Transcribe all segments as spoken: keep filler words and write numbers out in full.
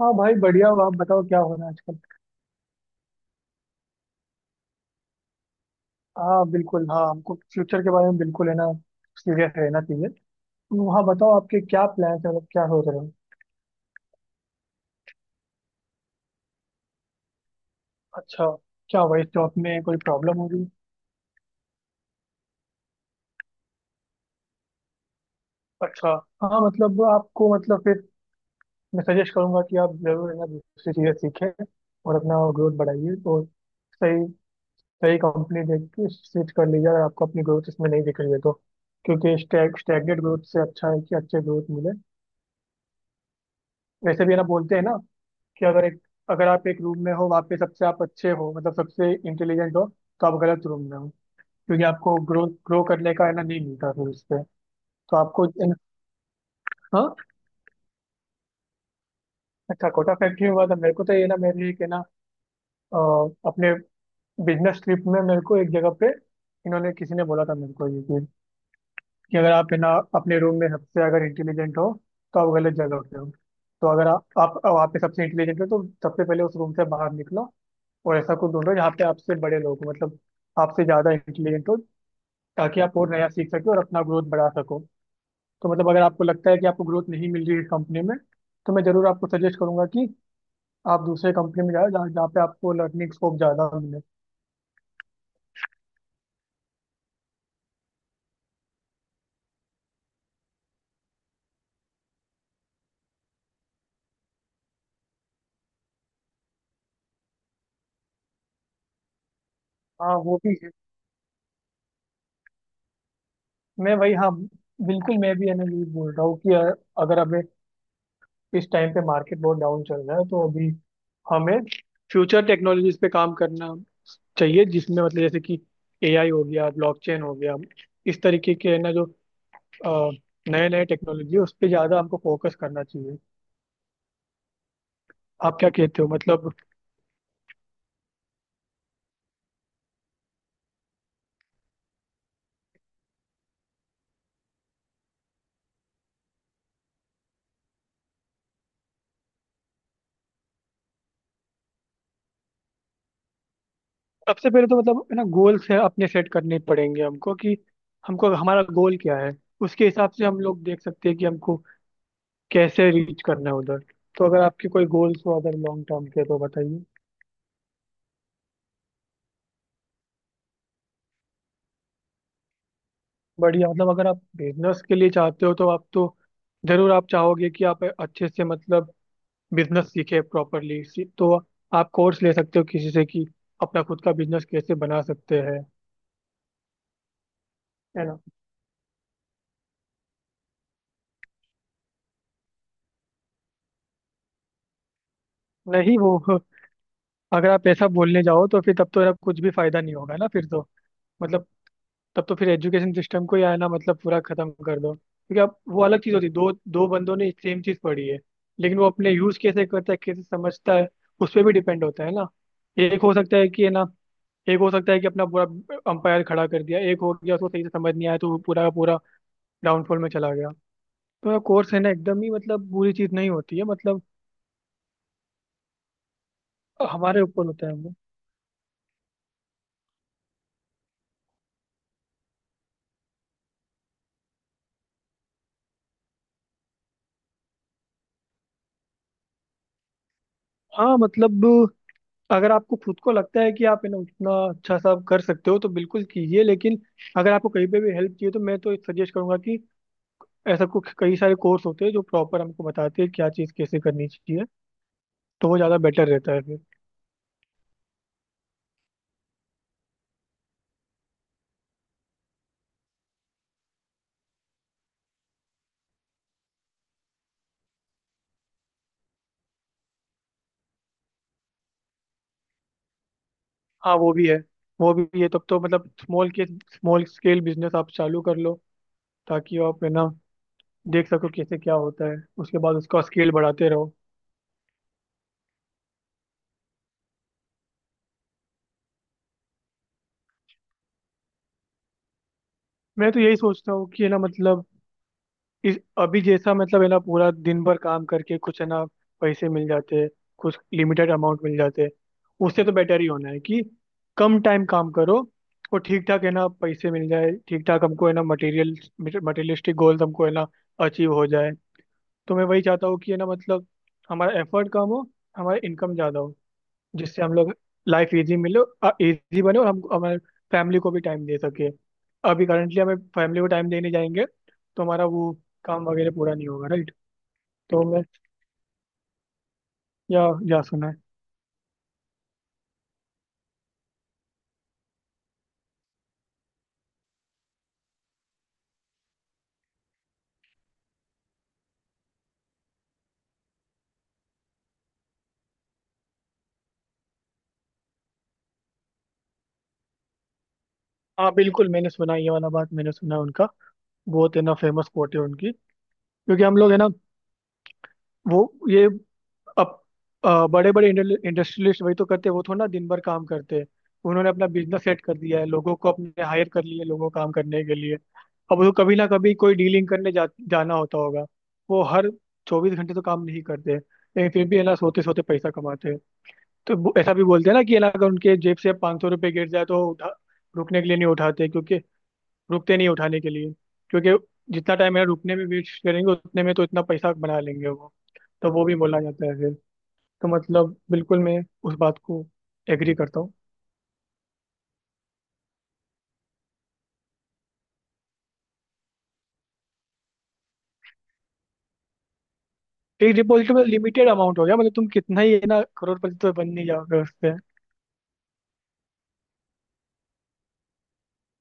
हाँ भाई, बढ़िया हो। आप बताओ, क्या हो रहा है आजकल। हाँ, बिल्कुल। हाँ, हमको फ्यूचर के बारे में बिल्कुल है ना, सीरियस रहना चाहिए। तो हाँ, बताओ आपके क्या प्लान्स हैं, मतलब क्या सोच रहे हो। अच्छा। क्या हुआ, इस जॉब में कोई प्रॉब्लम हो रही? अच्छा। हाँ मतलब, आपको मतलब, फिर मैं सजेस्ट करूंगा कि आप जरूर है ना दूसरी चीज़ें सीखें, और अपना ग्रोथ बढ़ाइए तो सही। सही कंपनी देख के स्विच कर लीजिए, अगर आपको अपनी ग्रोथ इसमें नहीं दिख रही है तो। क्योंकि स्टैग स्टैगनेट ग्रोथ से अच्छा है कि अच्छे ग्रोथ मिले। वैसे भी है ना, बोलते हैं ना कि अगर एक अगर आप एक रूम में हो, वहाँ पे सबसे आप अच्छे हो, मतलब सबसे इंटेलिजेंट हो, तो आप गलत रूम में हो। क्योंकि आपको ग्रो ग्रो करने का है ना, नहीं मिलता फिर उससे। तो आपको इन-, हाँ। अच्छा, कोटा फैक्ट्री में हुआ था मेरे को तो, ये ना मेरे एक है ना, अ, अपने बिजनेस ट्रिप में मेरे को एक जगह पे इन्होंने किसी ने बोला था मेरे को ये चीज़, कि अगर आप है ना अपने रूम में सबसे अगर इंटेलिजेंट हो तो आप गलत जगह पे हो। तो अगर आप, आप वहाँ पे सबसे इंटेलिजेंट हो तो सबसे पहले उस रूम से बाहर निकलो, और ऐसा कुछ ढूंढो जहाँ पे आपसे बड़े लोग हो, मतलब आपसे ज़्यादा इंटेलिजेंट हो, ताकि आप और नया सीख सको और अपना ग्रोथ बढ़ा सको। तो मतलब, अगर आपको लगता है कि आपको ग्रोथ नहीं मिल रही है इस कंपनी में, तो मैं ज़रूर आपको सजेस्ट करूंगा कि आप दूसरे कंपनी में जाओ, जहाँ जहाँ पे आपको लर्निंग स्कोप ज़्यादा मिले। हाँ, वो भी है। मैं वही, हाँ। बिल्कुल, मैं भी है ना यही बोल रहा हूँ कि अ, अगर हमें, इस टाइम पे मार्केट बहुत डाउन चल रहा है तो अभी हमें फ्यूचर टेक्नोलॉजीज पे काम करना चाहिए, जिसमें मतलब जैसे कि ए आई हो गया, ब्लॉकचेन हो गया, इस तरीके के है ना जो नए नए टेक्नोलॉजी है, उस पर ज़्यादा हमको फोकस करना चाहिए। आप क्या कहते हो मतलब? सबसे पहले तो मतलब है ना, गोल्स है अपने सेट करने पड़ेंगे हमको कि हमको हमारा गोल क्या है। उसके हिसाब से हम लोग देख सकते हैं कि हमको कैसे रीच करना है उधर। तो अगर आपके कोई गोल्स हो, अगर लॉन्ग टर्म के, तो बताइए। बढ़िया। मतलब, अगर आप बिजनेस के लिए चाहते हो तो आप तो जरूर आप चाहोगे कि आप अच्छे से मतलब बिजनेस सीखे प्रॉपरली। तो आप कोर्स ले सकते हो किसी से कि अपना खुद का बिजनेस कैसे बना सकते हैं। है ना। नहीं, वो अगर आप ऐसा बोलने जाओ तो फिर तब तो आप कुछ भी फायदा नहीं होगा ना फिर तो। मतलब, तब तो फिर एजुकेशन सिस्टम को ही आना, मतलब पूरा खत्म कर दो, क्योंकि अब वो अलग चीज होती है, दो दो बंदों ने सेम चीज पढ़ी है, लेकिन वो अपने यूज कैसे करता है, कैसे समझता है, उस पर भी डिपेंड होता है ना। एक हो सकता है कि है ना, एक हो सकता है कि अपना पूरा अंपायर खड़ा कर दिया, एक हो गया उसको सही से समझ नहीं आया तो वो पूरा का पूरा डाउनफॉल में चला गया। तो कोर्स है ना एकदम ही मतलब बुरी चीज नहीं होती है, मतलब हमारे ऊपर होता है वो। हाँ मतलब, अगर आपको खुद को लगता है कि आप है ना उतना अच्छा सा आप कर सकते हो तो बिल्कुल कीजिए, लेकिन अगर आपको कहीं पे भी हेल्प चाहिए तो मैं तो सजेस्ट करूंगा कि ऐसा कुछ, कई सारे कोर्स होते हैं जो प्रॉपर हमको बताते हैं क्या चीज़ कैसे करनी चाहिए। तो वो ज़्यादा बेटर रहता है फिर। हाँ, वो भी है। वो भी है, तब तो मतलब स्मॉल के स्मॉल स्केल बिजनेस आप चालू कर लो, ताकि आप है ना देख सको कैसे क्या होता है, उसके बाद उसका स्केल बढ़ाते रहो। मैं तो यही सोचता हूँ कि है ना मतलब, इस अभी जैसा मतलब है ना पूरा दिन भर काम करके कुछ है ना पैसे मिल जाते हैं, कुछ लिमिटेड अमाउंट मिल जाते हैं। उससे तो बेटर ही होना है कि कम टाइम काम करो और ठीक ठाक है ना पैसे मिल जाए, ठीक ठाक हमको है ना मटेरियल मटेरियलिस्टिक गोल हमको है ना अचीव हो जाए। तो मैं वही चाहता हूँ कि है ना मतलब, हमारा एफर्ट कम हो, हमारा इनकम ज़्यादा हो, जिससे हम लोग लाइफ इजी मिले, इजी बने, और हम हमारे फैमिली को भी टाइम दे सके। अभी करंटली हमें फैमिली को टाइम देने जाएंगे तो हमारा वो काम वगैरह पूरा नहीं होगा, राइट? तो मैं, या या सुना है। हाँ बिल्कुल, मैंने सुना है, ये वाला बात मैंने सुना है उनका। बहुत है ना फेमस कोट है उनकी। क्योंकि हम लोग है ना, वो, ये, अब, बड़े बड़े इंडस्ट्रियलिस्ट वही तो करते हैं, वो थोड़ा ना दिन भर काम करते हैं। उन्होंने अपना बिजनेस सेट कर दिया है, लोगों को अपने हायर कर लिए लोगों को काम करने के लिए। अब उनको कभी ना कभी कोई डीलिंग करने जा, जाना होता होगा। वो हर चौबीस घंटे तो काम नहीं करते, लेकिन फिर भी है ना सोते सोते पैसा कमाते हैं। तो वो- ऐसा भी बोलते हैं ना कि है ना, अगर उनके जेब से पाँच सौ रुपये गिर जाए तो उठा, रुकने के लिए नहीं उठाते, क्योंकि रुकते नहीं उठाने के लिए, क्योंकि जितना टाइम है रुकने में वेस्ट करेंगे उतने में तो इतना पैसा बना लेंगे वो। तो वो भी बोला जाता है। तो मतलब बिल्कुल मैं उस बात को एग्री करता हूँ। एक डिपॉजिट में लिमिटेड अमाउंट हो गया, मतलब तुम कितना ही है ना करोड़पति तो बन नहीं जाओगे उससे।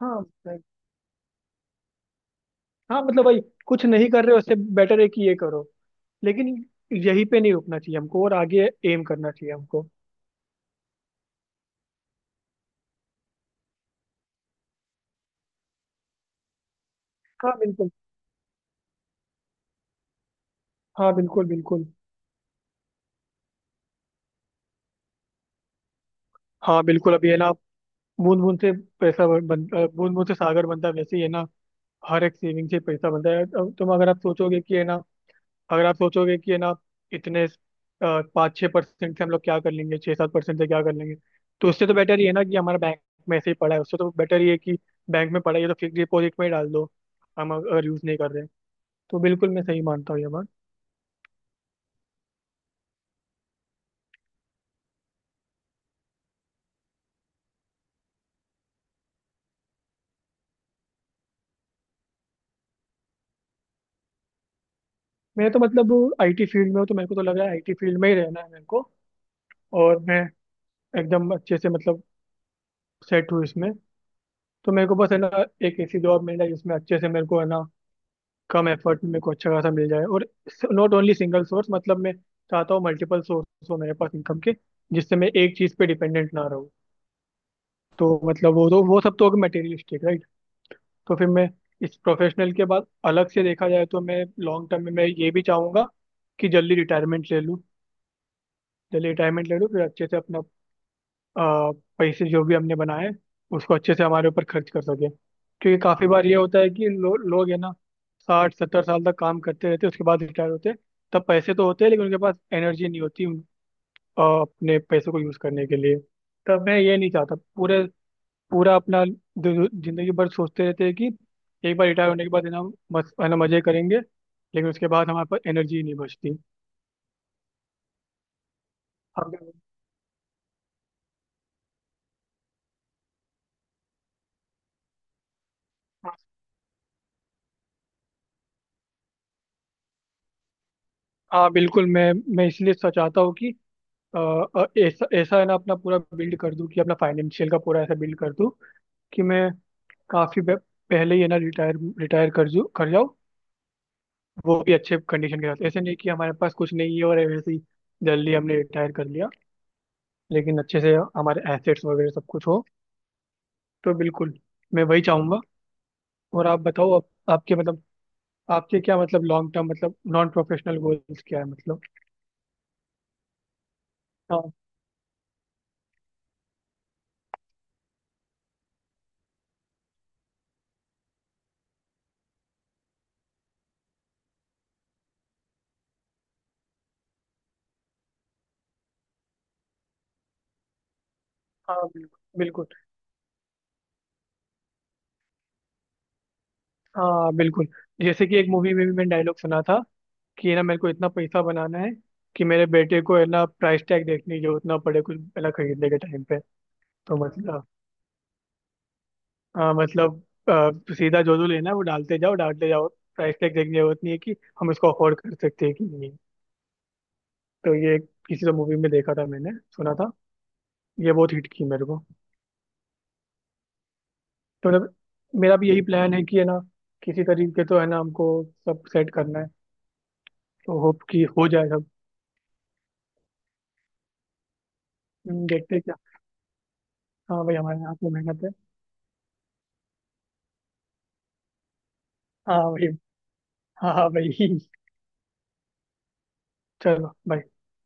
हाँ भाई। हाँ मतलब भाई, कुछ नहीं कर रहे हो उससे बेटर है कि ये करो, लेकिन यहीं पे नहीं रुकना चाहिए हमको, और आगे एम करना चाहिए हमको। हाँ, बिल्कुल। हाँ, बिल्कुल, बिल्कुल। हाँ, बिल्कुल। अभी है ना, बूंद बूंद से पैसा बन बूंद बूंद से सागर बनता है, वैसे ही है ना हर एक सेविंग से पैसा बनता है। अब तुम अगर आप सोचोगे कि है ना, अगर आप सोचोगे कि है ना इतने पाँच छः परसेंट से हम लोग क्या कर लेंगे, छः सात परसेंट से क्या कर लेंगे। तो उससे तो बेटर ये है ना कि हमारा बैंक में ऐसे ही पड़ा है, उससे तो बेटर ये है कि बैंक में पड़ा है ये तो फिक्स डिपॉजिट में ही डाल दो, हम अग- अगर यूज़ नहीं कर रहे हैं। तो बिल्कुल मैं सही मानता हूँ ये बात। मैं तो मतलब आई टी फील्ड में हूँ, तो मेरे को तो लग रहा है आई टी फील्ड में ही रहना है मेरे को, और मैं एकदम अच्छे से मतलब सेट हूँ इसमें। तो मेरे को बस है ना एक ऐसी जॉब मिल जाए जिसमें अच्छे से मेरे को है ना कम एफर्ट में मेरे को अच्छा खासा मिल जाए, और नॉट ओनली सिंगल सोर्स, मतलब मैं चाहता हूँ मल्टीपल सोर्स हो मेरे पास इनकम के, जिससे मैं एक चीज़ पे डिपेंडेंट ना रहूँ। तो मतलब, वो तो वो सब तो होगा मटेरियलिस्टिक, राइट? तो फिर मैं इस प्रोफेशनल के बाद अलग से देखा जाए तो मैं लॉन्ग टर्म में मैं ये भी चाहूँगा कि जल्दी रिटायरमेंट ले लूँ। जल्दी रिटायरमेंट ले लूँ फिर अच्छे से अपना अ, पैसे जो भी हमने बनाए उसको अच्छे से हमारे ऊपर खर्च कर सके। क्योंकि काफ़ी बार ये होता है कि लो, लोग है ना साठ सत्तर साल तक काम करते रहते हैं, उसके बाद रिटायर होते हैं। तब पैसे तो होते हैं, लेकिन उनके पास एनर्जी नहीं होती उन- अ, अपने पैसों को यूज़ करने के लिए। तब मैं ये नहीं चाहता पूरे पूरा अपना दि- जिंदगी भर सोचते रहते हैं कि एक बार रिटायर होने के बाद है ना हम मस है ना मज़े करेंगे, लेकिन उसके बाद हमारे पास एनर्जी नहीं बचती। हम। हाँ, बिल्कुल। मैं मैं इसलिए सोच- चाहता हूँ कि, अ, अ, ऐसा ऐसा है ना अपना पूरा बिल्ड कर दूं कि अपना फाइनेंशियल का पूरा ऐसा बिल्ड कर दूं कि मैं काफी बे- पहले ही है ना रिटायर रिटायर कर जू कर जाऊं, वो भी अच्छे कंडीशन के साथ, ऐसे नहीं कि हमारे पास कुछ नहीं है और वैसे ही जल्दी हमने रिटायर कर लिया, लेकिन अच्छे से हमारे एसेट्स वगैरह सब कुछ हो। तो बिल्कुल मैं वही चाहूंगा। और आप बताओ, आप, आपके मतलब आपके क्या मतलब लॉन्ग टर्म मतलब नॉन प्रोफेशनल गोल्स क्या है, मतलब? हाँ। हाँ, बिल्कुल, बिल्कुल। हाँ, बिल्कुल। जैसे कि एक मूवी में भी मैंने डायलॉग सुना था कि ना, मेरे को इतना पैसा बनाना है कि मेरे बेटे को है ना प्राइस टैग देखने की जरूरत ना पड़े कुछ है ना खरीदने के टाइम पे। तो मतलब, हाँ मतलब, अ, सीधा जो जो लेना है वो डालते जाओ, डालते जाओ, प्राइस टैग देखने की जरूरत नहीं है कि हम इसको अफोर्ड कर सकते हैं कि नहीं। तो ये किसी तो मूवी में देखा था मैंने, सुना था, ये बहुत हिट की मेरे को। तो मतलब, मेरा भी यही प्लान है कि है ना, किसी तरीके तो है ना हमको सब सेट करना है। तो होप कि हो जाए सब। हम्म, देखते हैं क्या। हाँ भाई, हमारे हाथ में मेहनत है। हाँ भाई। हाँ, हाँ भाई। चलो भाई।